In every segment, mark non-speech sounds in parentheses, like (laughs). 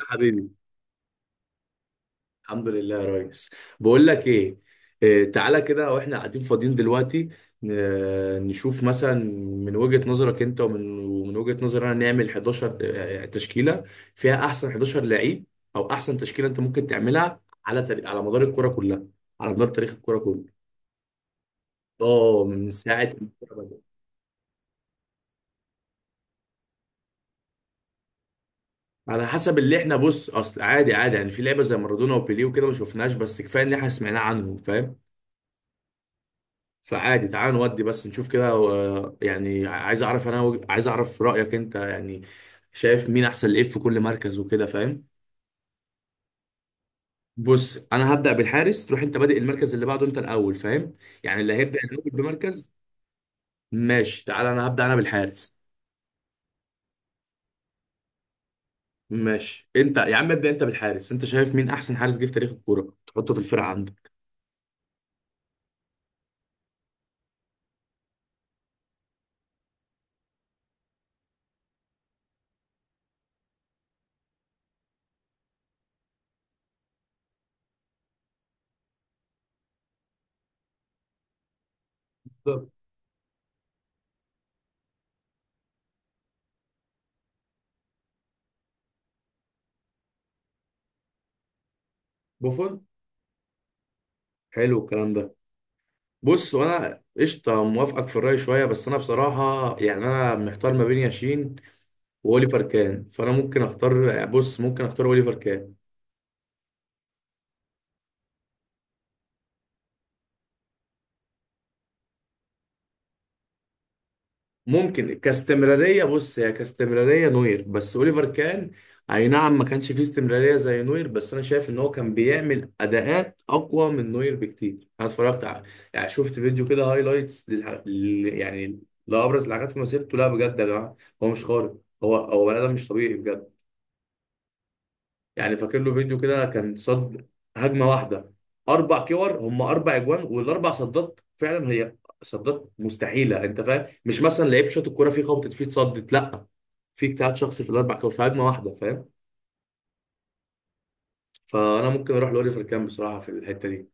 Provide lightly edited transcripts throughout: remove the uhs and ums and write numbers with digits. يا حبيبي. الحمد لله يا ريس. بقول لك ايه؟ تعالى كده واحنا قاعدين فاضيين دلوقتي، نشوف مثلا من وجهة نظرك انت ومن وجهة نظري انا، نعمل 11 تشكيلة فيها احسن 11 لعيب، او احسن تشكيلة انت ممكن تعملها على تاريخ، على مدار الكرة كلها، على مدار تاريخ الكرة كله. اه، من ساعة ما الكرة بدأت. على حسب اللي احنا، بص اصل عادي عادي يعني في لعبة زي مارادونا وبيليه وكده ما شفناش، بس كفاية ان احنا سمعناه عنهم، فاهم؟ فعادي، تعال نودي بس نشوف كده يعني عايز اعرف انا عايز اعرف رأيك انت يعني، شايف مين احسن لإيه في كل مركز وكده، فاهم؟ بص انا هبدأ بالحارس، تروح انت بادئ المركز اللي بعده، انت الاول، فاهم؟ يعني اللي هيبدأ الاول بمركز. ماشي، تعال انا هبدأ انا بالحارس. ماشي انت يا عم، ابدأ انت بالحارس، انت شايف مين احسن حارس جه في تاريخ الكورة تحطه في الفرقة عندك؟ بالظبط. بوفون. حلو الكلام ده. بص، وانا قشطه موافقك في الرأي شويه، بس انا بصراحه يعني انا محتار ما بين ياشين واوليفر كان، فانا ممكن اختار، بص ممكن اختار اوليفر كان. ممكن كاستمراريه، بص هي كاستمراريه نوير، بس اوليفر كان اي نعم ما كانش فيه استمراريه زي نوير، بس انا شايف ان هو كان بيعمل اداءات اقوى من نوير بكتير. انا اتفرجت على، يعني شفت فيديو كده هايلايتس يعني لابرز الحاجات في مسيرته. لا بجد يا جماعه، هو مش خارق، هو بني ادم مش طبيعي بجد. يعني فاكر له فيديو كده كان صد هجمه واحده، اربع كور هم اربع اجوان، والاربع صدات فعلا هي صدات مستحيله. انت فاهم؟ مش مثلا لعيب شاط الكوره فيه خبطت فيه اتصدت، لا، في اجتهاد شخصي في الاربع كور في هجمه واحده، فاهم؟ فانا ممكن اروح لاوليفر كام بصراحه في الحته دي.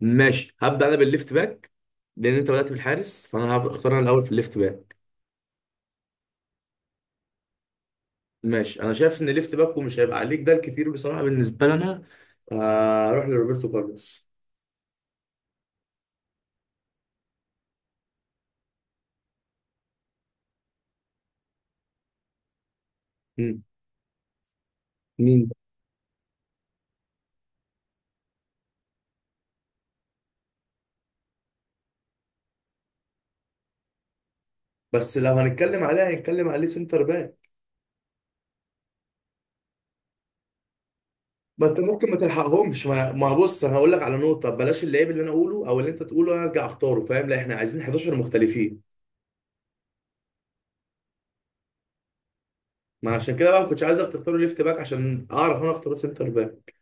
ماشي، هبدا انا بالليفت باك لان انت بدات بالحارس، فانا هختار انا الاول في الليفت باك. ماشي، انا شايف ان الليفت باك ومش هيبقى عليك ده الكتير بصراحه بالنسبه لنا، اروح لروبرتو كارلوس. مم. مين؟ بس لو هنتكلم عليه هنتكلم عليه سنتر باك. ما انت ممكن ما تلحقهمش، ما بص انا هقول لك على نقطه، بلاش اللعيب اللي انا اقوله او اللي انت تقوله انا ارجع اختاره، فاهم؟ لا، احنا عايزين 11 مختلفين. ما عشان كده بقى ما كنتش عايزك تختار ليفت باك عشان اعرف انا اختار سنتر باك.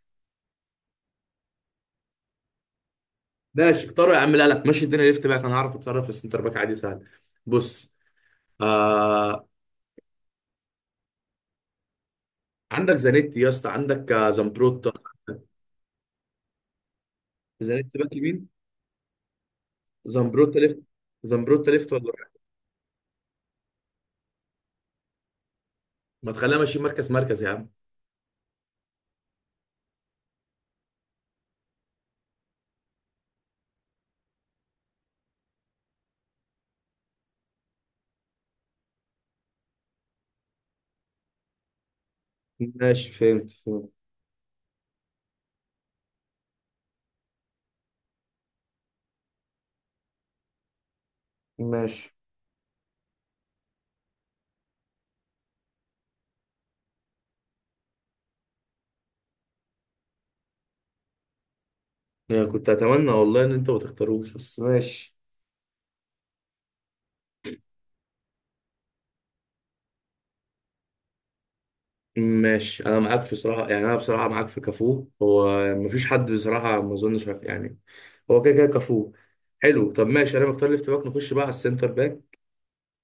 ماشي اختاره يا عم. لا لا، ماشي الدنيا ليفت باك، انا هعرف اتصرف في السنتر باك عادي، سهل. بص. آه عندك زانيتي يا اسطى، عندك زامبروتا. زانيتي باك يمين. زامبروتا ليفت. زامبروتا ليفت ولا رايت؟ ما تخليها ماشي مركز مركز يا عم. ماشي، فهمت فهمت. ماشي، يعني كنت اتمنى والله ان انت ما تختاروش، بس ماشي. ماشي انا معاك في صراحه، يعني انا بصراحه معاك في كافو. هو مفيش حد بصراحه، ما اظنش، يعني هو كده كده كافو. حلو. طب ماشي، انا مختار ليفت باك، نخش بقى على السنتر باك.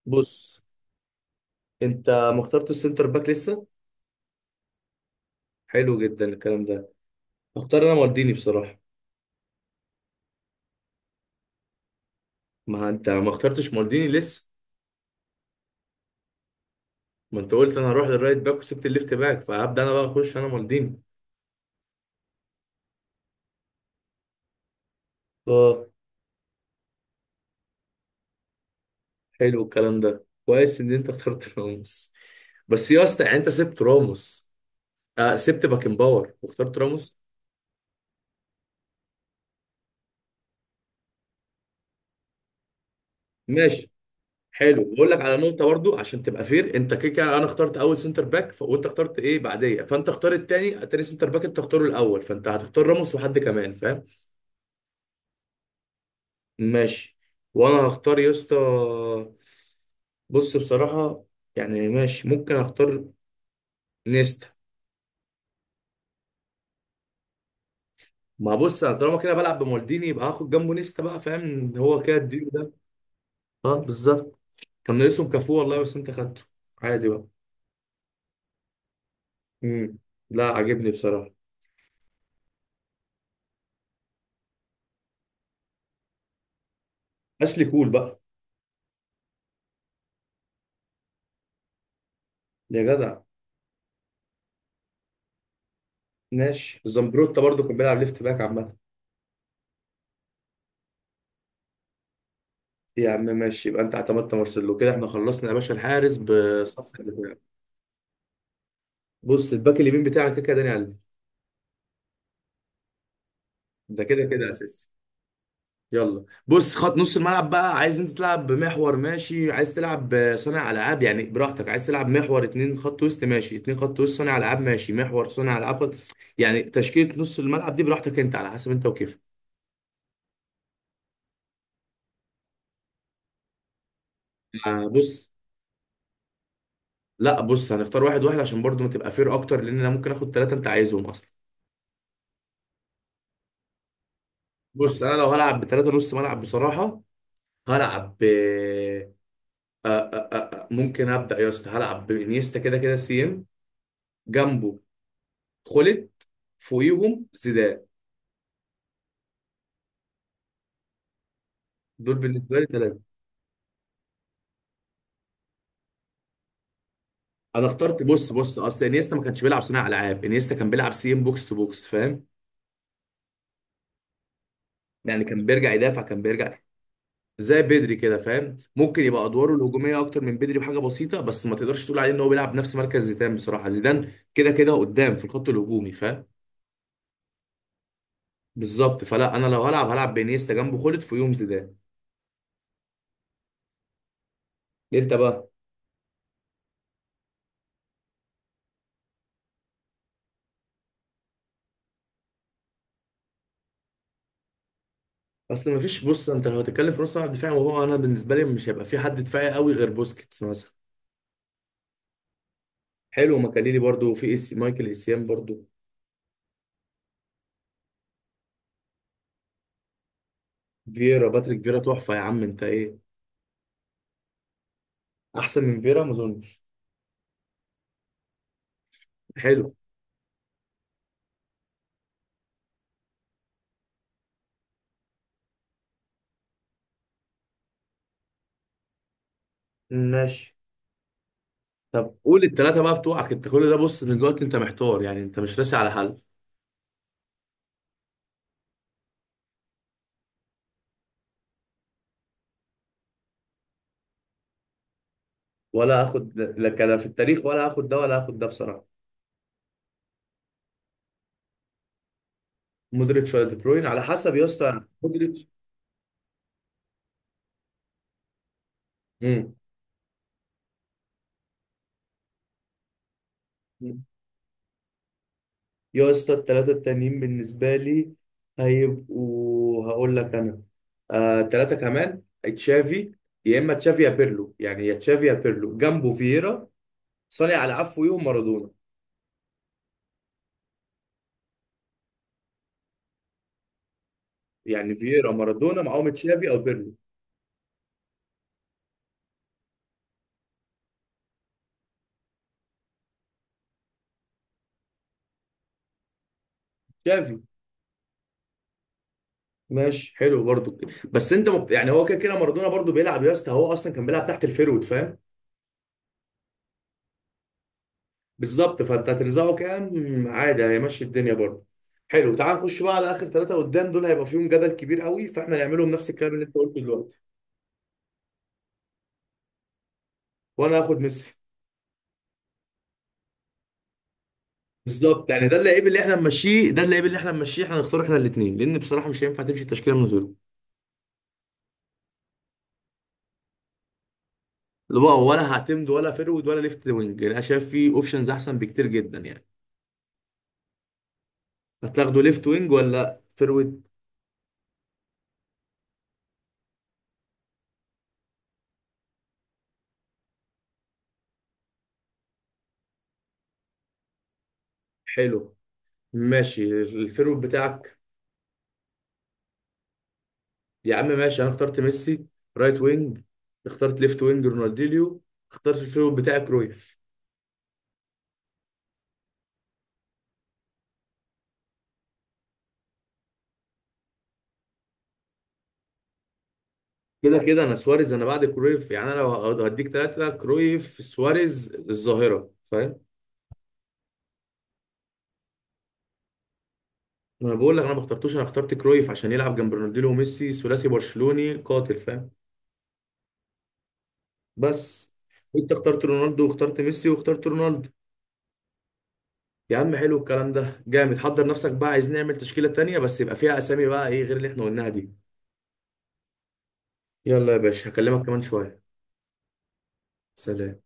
بص، انت ما اخترتش السنتر باك لسه. حلو جدا الكلام ده. اختار انا مالديني بصراحه. ما انت ما اخترتش مالديني لسه. ما انت قلت انا هروح للرايت باك وسبت الليفت باك، فهبدا انا بقى اخش انا مالديني. اه. حلو الكلام ده، كويس ان انت اخترت (laughs) راموس. بس يا اسطى يعني انت سبت راموس. سبت باكن باور واخترت راموس. ماشي. حلو، بقول لك على نقطه برضو عشان تبقى فير، انت كده كده انا اخترت اول سنتر باك وانت اخترت ايه بعديه، فانت اختار التاني، التاني سنتر باك انت اختاره الاول، فانت هتختار راموس وحد كمان، فاهم؟ ماشي. وانا هختار يا اسطى. بص بصراحه، يعني ماشي ممكن اختار نيستا. ما بص انا طالما كده بلعب بمالديني يبقى هاخد جنبه نيستا بقى، فاهم؟ هو كده الديو ده. اه بالظبط. كان ناقصهم كافو والله، بس انت خدته. عادي بقى. امم. لا، عجبني بصراحه. اشلي كول بقى. يا جدع. ماشي، زمبروتا برضو كان بيلعب ليفت باك عامه. يا عم ماشي، يبقى انت اعتمدت مارسيلو كده، احنا خلصنا يا باشا الحارس بصف الدفاع. بص الباك اليمين بتاعك كده كده داني علم. ده كده كده اساسي. يلا بص، خط نص الملعب بقى، عايز انت تلعب بمحور؟ ماشي. عايز تلعب صانع العاب؟ يعني براحتك. عايز تلعب محور اتنين خط وسط؟ ماشي اتنين خط وسط. صانع العاب؟ ماشي محور صانع العاب يعني تشكيلة نص الملعب دي براحتك انت، على حسب انت وكيفك. بص. لا بص، هنختار واحد واحد عشان برضو ما تبقى فير اكتر، لان انا ممكن اخد ثلاثة انت عايزهم اصلا. بص انا لو هلعب بثلاثة نص ملعب بصراحة، هلعب ب، ممكن ابدا يا اسطى هلعب بانيستا كده كده سي ام، جنبه خلت، فوقيهم زيدان. دول بالنسبه لي ثلاثه. انا اخترت، بص اصل انيستا ما كانش بيلعب صناع العاب، انيستا كان بيلعب سيم بوكس تو بوكس، فاهم؟ يعني كان بيرجع يدافع، كان بيرجع زي بدري كده، فاهم؟ ممكن يبقى ادواره الهجوميه اكتر من بدري بحاجه بسيطه، بس ما تقدرش تقول عليه ان هو بيلعب نفس مركز زيدان. بصراحه زيدان كده كده قدام في الخط الهجومي، فاهم؟ بالظبط. فلا انا لو هلعب، هلعب بانيستا جنبه خلد، في يوم زيدان. انت بقى. اصل ما فيش، بص انت لو هتتكلم في نص ملعب دفاعي، وهو انا بالنسبه لي مش هيبقى في حد دفاعي قوي غير بوسكيتس مثلا. حلو، مكاليلي برضو، في مايكل اسيام برضو. فيرا. باتريك فيرا تحفة يا عم، انت ايه؟ احسن من فيرا ما اظنش. حلو. ماشي. طب قول التلاتة بقى بتوعك انت كل ده، بص ان دلوقتي انت محتار، يعني انت مش راسي على حل. ولا اخد، لا كلا في التاريخ ولا اخد ده ولا اخد ده بصراحة. مودريتش ولا دي بروين؟ على حسب يا اسطى، مودريتش. امم. يا اسطى الثلاثة التانيين بالنسبة لي هيبقوا، هقول لك انا، تلاتة كمان تشافي، يا اما تشافي يا بيرلو، يعني يا تشافي يا بيرلو جنبه فييرا. صانع العفو يوم مارادونا. يعني فييرا مارادونا معاهم تشافي او بيرلو. تشافي. ماشي حلو برضو كده، بس انت يعني هو كده كده مارادونا برضو بيلعب يا اسطى، هو اصلا كان بيلعب تحت الفيرود، فاهم؟ بالظبط. فانت هترزعه كام عادي هيمشي الدنيا برضو. حلو، تعال نخش بقى على اخر ثلاثه قدام، دول هيبقى فيهم جدل كبير قوي، فاحنا نعملهم نفس الكلام اللي انت قلته دلوقتي. وانا هاخد ميسي. بالظبط، يعني ده اللعيب اللي احنا نمشيه، ده اللعيب اللي احنا نمشيه، احنا نختار احنا الاثنين لان بصراحه مش هينفع تمشي التشكيله من غيره. اللي هو ولا هعتمد ولا فيرود ولا ليفت وينج، انا شايف فيه اوبشنز احسن بكتير جدا يعني. هتاخده ليفت وينج ولا فيرويد؟ حلو. ماشي الفيرويد بتاعك. يا عم ماشي، انا اخترت ميسي رايت وينج، اخترت ليفت وينج رونالدينيو، اخترت الفيرويد بتاعي كرويف. كده كده انا سواريز انا بعد كرويف، يعني انا لو هديك ثلاثة كرويف سواريز الظاهرة، فاهم؟ ما انا بقول لك انا ما اخترتوش، انا اخترت كرويف عشان يلعب جنب رونالدينيو وميسي، ثلاثي برشلوني قاتل، فاهم؟ بس انت اخترت رونالدو واخترت ميسي واخترت رونالدو. يا عم حلو الكلام ده جامد. حضر نفسك بقى، عايز نعمل تشكيلة تانية بس يبقى فيها اسامي بقى ايه غير اللي احنا قلناها دي. يلا يا باشا، هكلمك كمان شوية. سلام.